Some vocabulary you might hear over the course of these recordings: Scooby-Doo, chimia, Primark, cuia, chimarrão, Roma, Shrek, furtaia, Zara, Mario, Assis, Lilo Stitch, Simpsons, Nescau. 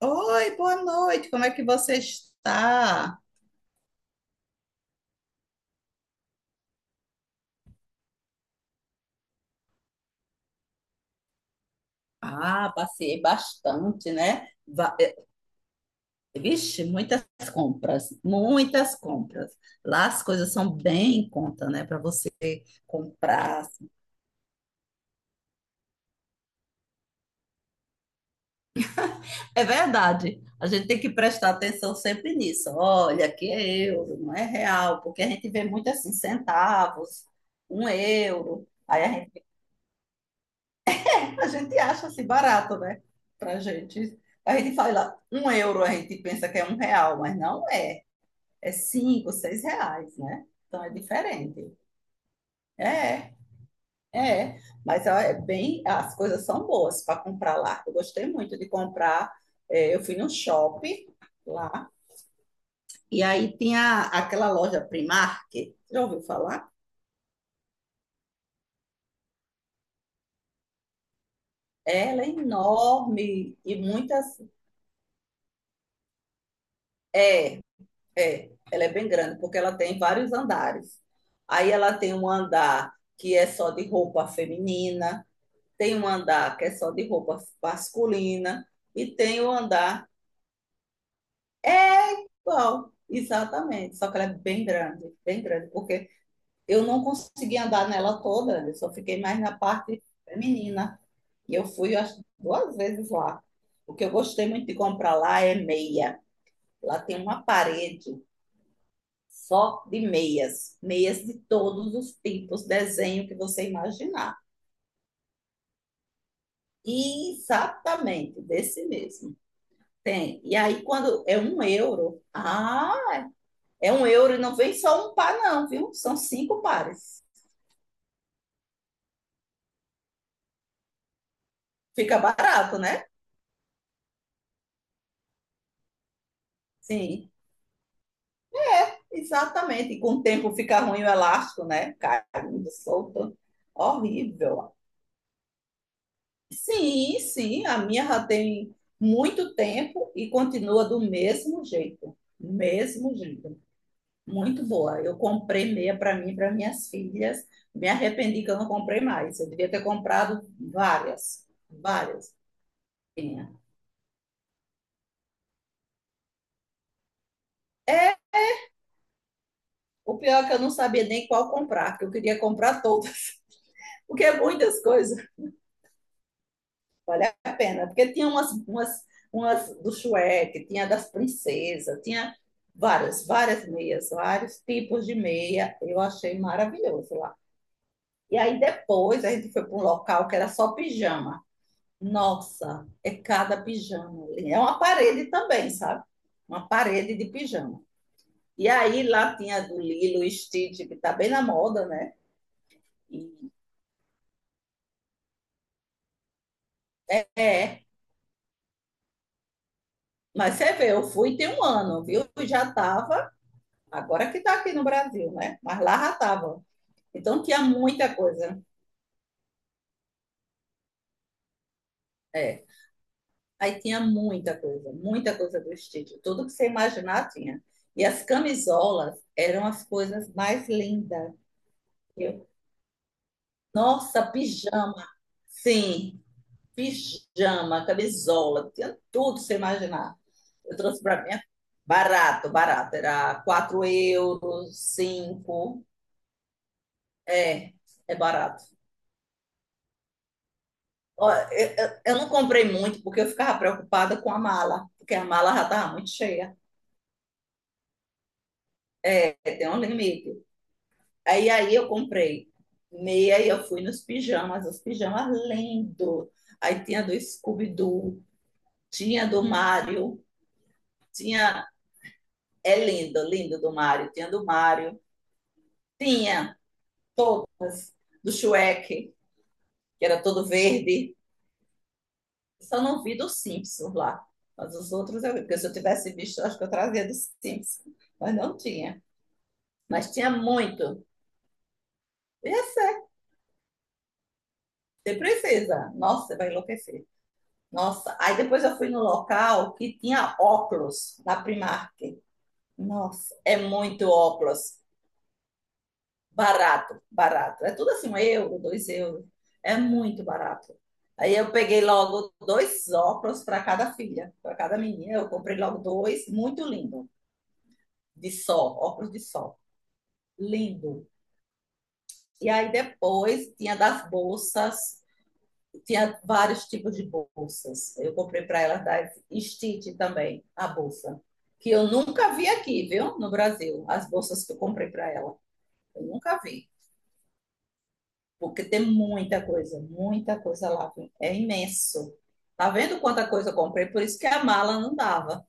Oi, boa noite, como é que você está? Ah, passei bastante, né? Vixe, muitas compras, muitas compras. Lá as coisas são bem em conta, né, para você comprar, assim. É verdade, a gente tem que prestar atenção sempre nisso. Olha, aqui é euro, não é real, porque a gente vê muito assim, centavos, 1 euro. Aí a gente A gente acha assim barato, né? Pra gente. A gente fala, 1 euro a gente pensa que é 1 real, mas não é. É 5, 6 reais, né? Então é diferente. É, é. Mas ó, é bem, as coisas são boas para comprar lá. Eu gostei muito de comprar. É, eu fui num shopping lá e aí tinha aquela loja Primark. Já ouviu falar? Ela é enorme e muitas. É, é, ela é bem grande, porque ela tem vários andares. Aí ela tem um andar que é só de roupa feminina, tem um andar que é só de roupa masculina, e tem o um andar. É igual, exatamente, só que ela é bem grande, porque eu não consegui andar nela toda, eu só fiquei mais na parte feminina. E eu fui, eu acho, 2 vezes lá. O que eu gostei muito de comprar lá é meia. Lá tem uma parede só de meias de todos os tipos, desenho que você imaginar. E exatamente desse mesmo. Tem. E aí, quando é 1 euro, é 1 euro e não vem só um par, não, viu? São 5 pares. Fica barato, né? Sim, exatamente. E com o tempo fica ruim o elástico, né? Caindo, solto. Horrível. Sim, sim, a minha já tem muito tempo e continua do mesmo jeito. Mesmo jeito. Muito boa. Eu comprei meia para mim e para minhas filhas. Me arrependi que eu não comprei mais. Eu devia ter comprado várias, várias. Tinha. É, o pior é que eu não sabia nem qual comprar, que eu queria comprar todas, porque é muitas coisas, vale a pena. Porque tinha umas do Shrek, tinha das princesas, tinha várias, várias meias, vários tipos de meia. Eu achei maravilhoso lá. E aí depois a gente foi para um local que era só pijama. Nossa, é cada pijama. É uma parede também, sabe? Uma parede de pijama. E aí lá tinha do Lilo Stitch, que tá bem na moda, né? E é. Mas você vê, eu fui tem um ano, viu? Eu já tava, agora que tá aqui no Brasil, né? Mas lá já tava. Então tinha muita coisa. É. Aí tinha muita coisa do Stitch. Tudo que você imaginar tinha. E as camisolas eram as coisas mais lindas. Eu, Nossa, pijama. Sim, pijama, camisola, tinha tudo, você imaginar. Eu trouxe para mim barato, barato. Era 4 euros, 5. É, é barato. Ó, eu não comprei muito porque eu ficava preocupada com a mala, porque a mala já estava muito cheia. É, tem um limite. Aí eu comprei meia e eu fui nos pijamas, os pijamas lindo. Aí tinha do Scooby-Doo, tinha do Mario, tinha É linda, linda do Mário. Tinha do Mário, tinha do Shrek, que era todo verde. Só não vi do Simpsons lá. Mas os outros eu vi, porque se eu tivesse visto, acho que eu trazia do Simpsons. Mas não tinha. Mas tinha muito. E é sério, você precisa. Nossa, você vai enlouquecer. Nossa, aí depois eu fui no local que tinha óculos na Primark. Nossa, é muito óculos. Barato, barato. É tudo assim, 1 euro, 2 euros. É muito barato. Aí eu peguei logo dois óculos para cada filha, para cada menina. Eu comprei logo dois, muito lindo, de sol, óculos de sol. Lindo. E aí depois tinha das bolsas, tinha vários tipos de bolsas. Eu comprei para elas da Stitch também, a bolsa, que eu nunca vi aqui, viu, no Brasil, as bolsas que eu comprei para ela. Eu nunca vi, porque tem muita coisa lá, viu? É imenso. Tá vendo quanta coisa eu comprei? Por isso que a mala não dava.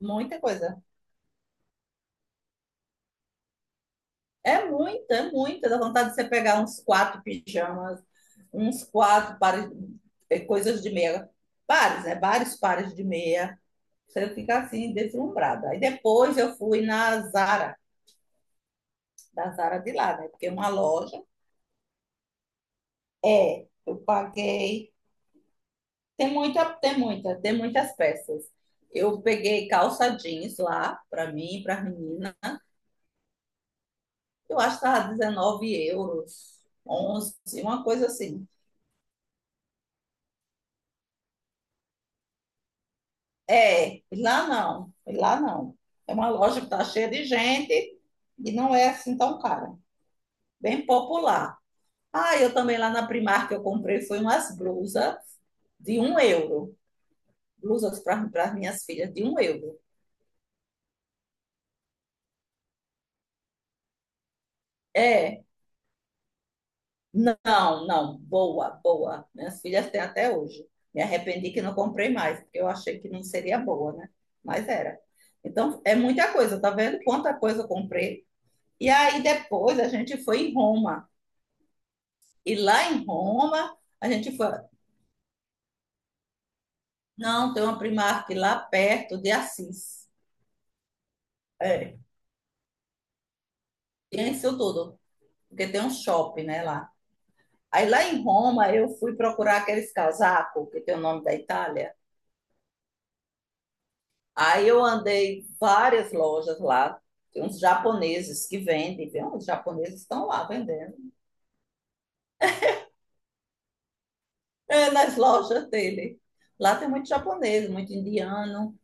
Muita coisa. É muita, é muita. Dá vontade de você pegar uns quatro pijamas, uns quatro pares, coisas de meia. Pares, né? Vários pares de meia. Você fica assim, deslumbrada. Aí depois eu fui na Zara, da Zara de lá, né? Porque uma loja é, eu paguei. Tem muitas peças. Eu peguei calça jeans lá, para mim, para a menina. Eu acho que estava 19 euros, onze, uma coisa assim. É, lá não, lá não. É uma loja que está cheia de gente e não é assim tão cara. Bem popular. Ah, eu também lá na Primark eu comprei foi umas blusas de 1 euro. Blusas para as minhas filhas de 1 euro. É, não, não, boa, boa. Minhas filhas têm até hoje. Me arrependi que não comprei mais, porque eu achei que não seria boa, né? Mas era. Então, é muita coisa, tá vendo quanta coisa eu comprei? E aí depois a gente foi em Roma. E lá em Roma, a gente foi. Não, tem uma Primark lá perto de Assis. É, tem isso tudo, porque tem um shopping, né, lá. Aí lá em Roma eu fui procurar aqueles casacos que tem o nome da Itália. Aí eu andei várias lojas lá, tem uns japoneses que vendem, tem uns japoneses que estão lá vendendo, é, nas lojas dele. Lá tem muito japonês, muito indiano.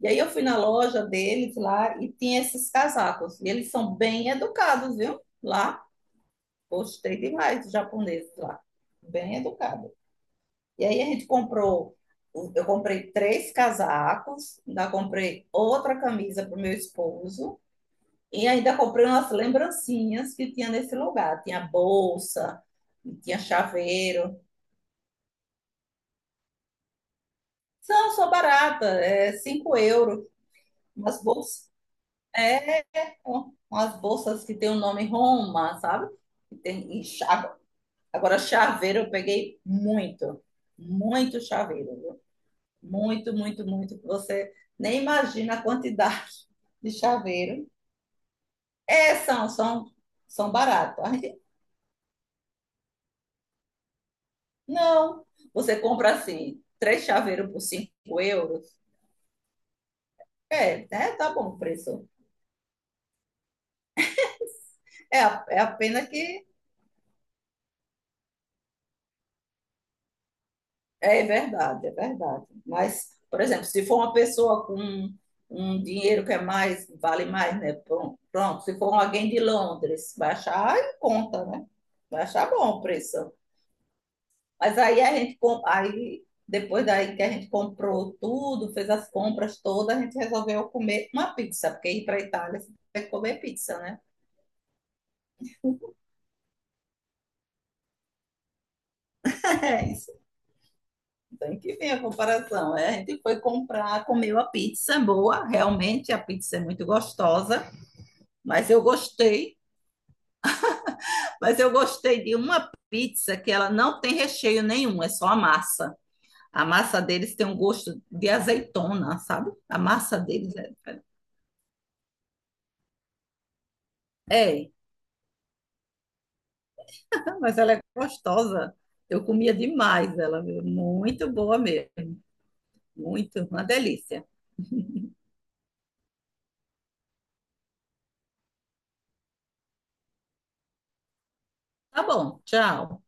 E aí eu fui na loja deles lá e tinha esses casacos. E eles são bem educados, viu? Lá, gostei demais dos japoneses lá, bem educados. E aí a gente comprou, eu comprei três casacos, ainda comprei outra camisa para o meu esposo. E ainda comprei umas lembrancinhas que tinha nesse lugar. Tinha bolsa, tinha chaveiro. São só barata, é 5 euros. Umas bolsas, é, umas bolsas que tem o nome Roma, sabe? E tem, e cha- agora, chaveiro eu peguei muito, muito chaveiro, viu? Muito, muito, muito. Que você nem imagina a quantidade de chaveiro. É, são, baratos. Não, você compra assim, três chaveiros por 5 euros. É, né? Tá bom o preço. É, é a pena que é verdade, é verdade. Mas, por exemplo, se for uma pessoa com um dinheiro que é mais, vale mais, né? Pronto, pronto. Se for alguém de Londres, vai achar em conta, né? Vai achar bom o preço. Mas aí a gente, aí depois daí que a gente comprou tudo, fez as compras todas, a gente resolveu comer uma pizza, porque ir para a Itália você tem que comer pizza, né? É isso. Tem que ver a comparação. É, a gente foi comprar, comeu a pizza boa, realmente a pizza é muito gostosa, mas eu gostei, mas eu gostei de uma pizza que ela não tem recheio nenhum, é só a massa. A massa deles tem um gosto de azeitona, sabe? A massa deles é, é. É, então, mas ela é gostosa. Eu comia demais ela, viu? Muito boa mesmo, muito, uma delícia. Tá bom, tchau.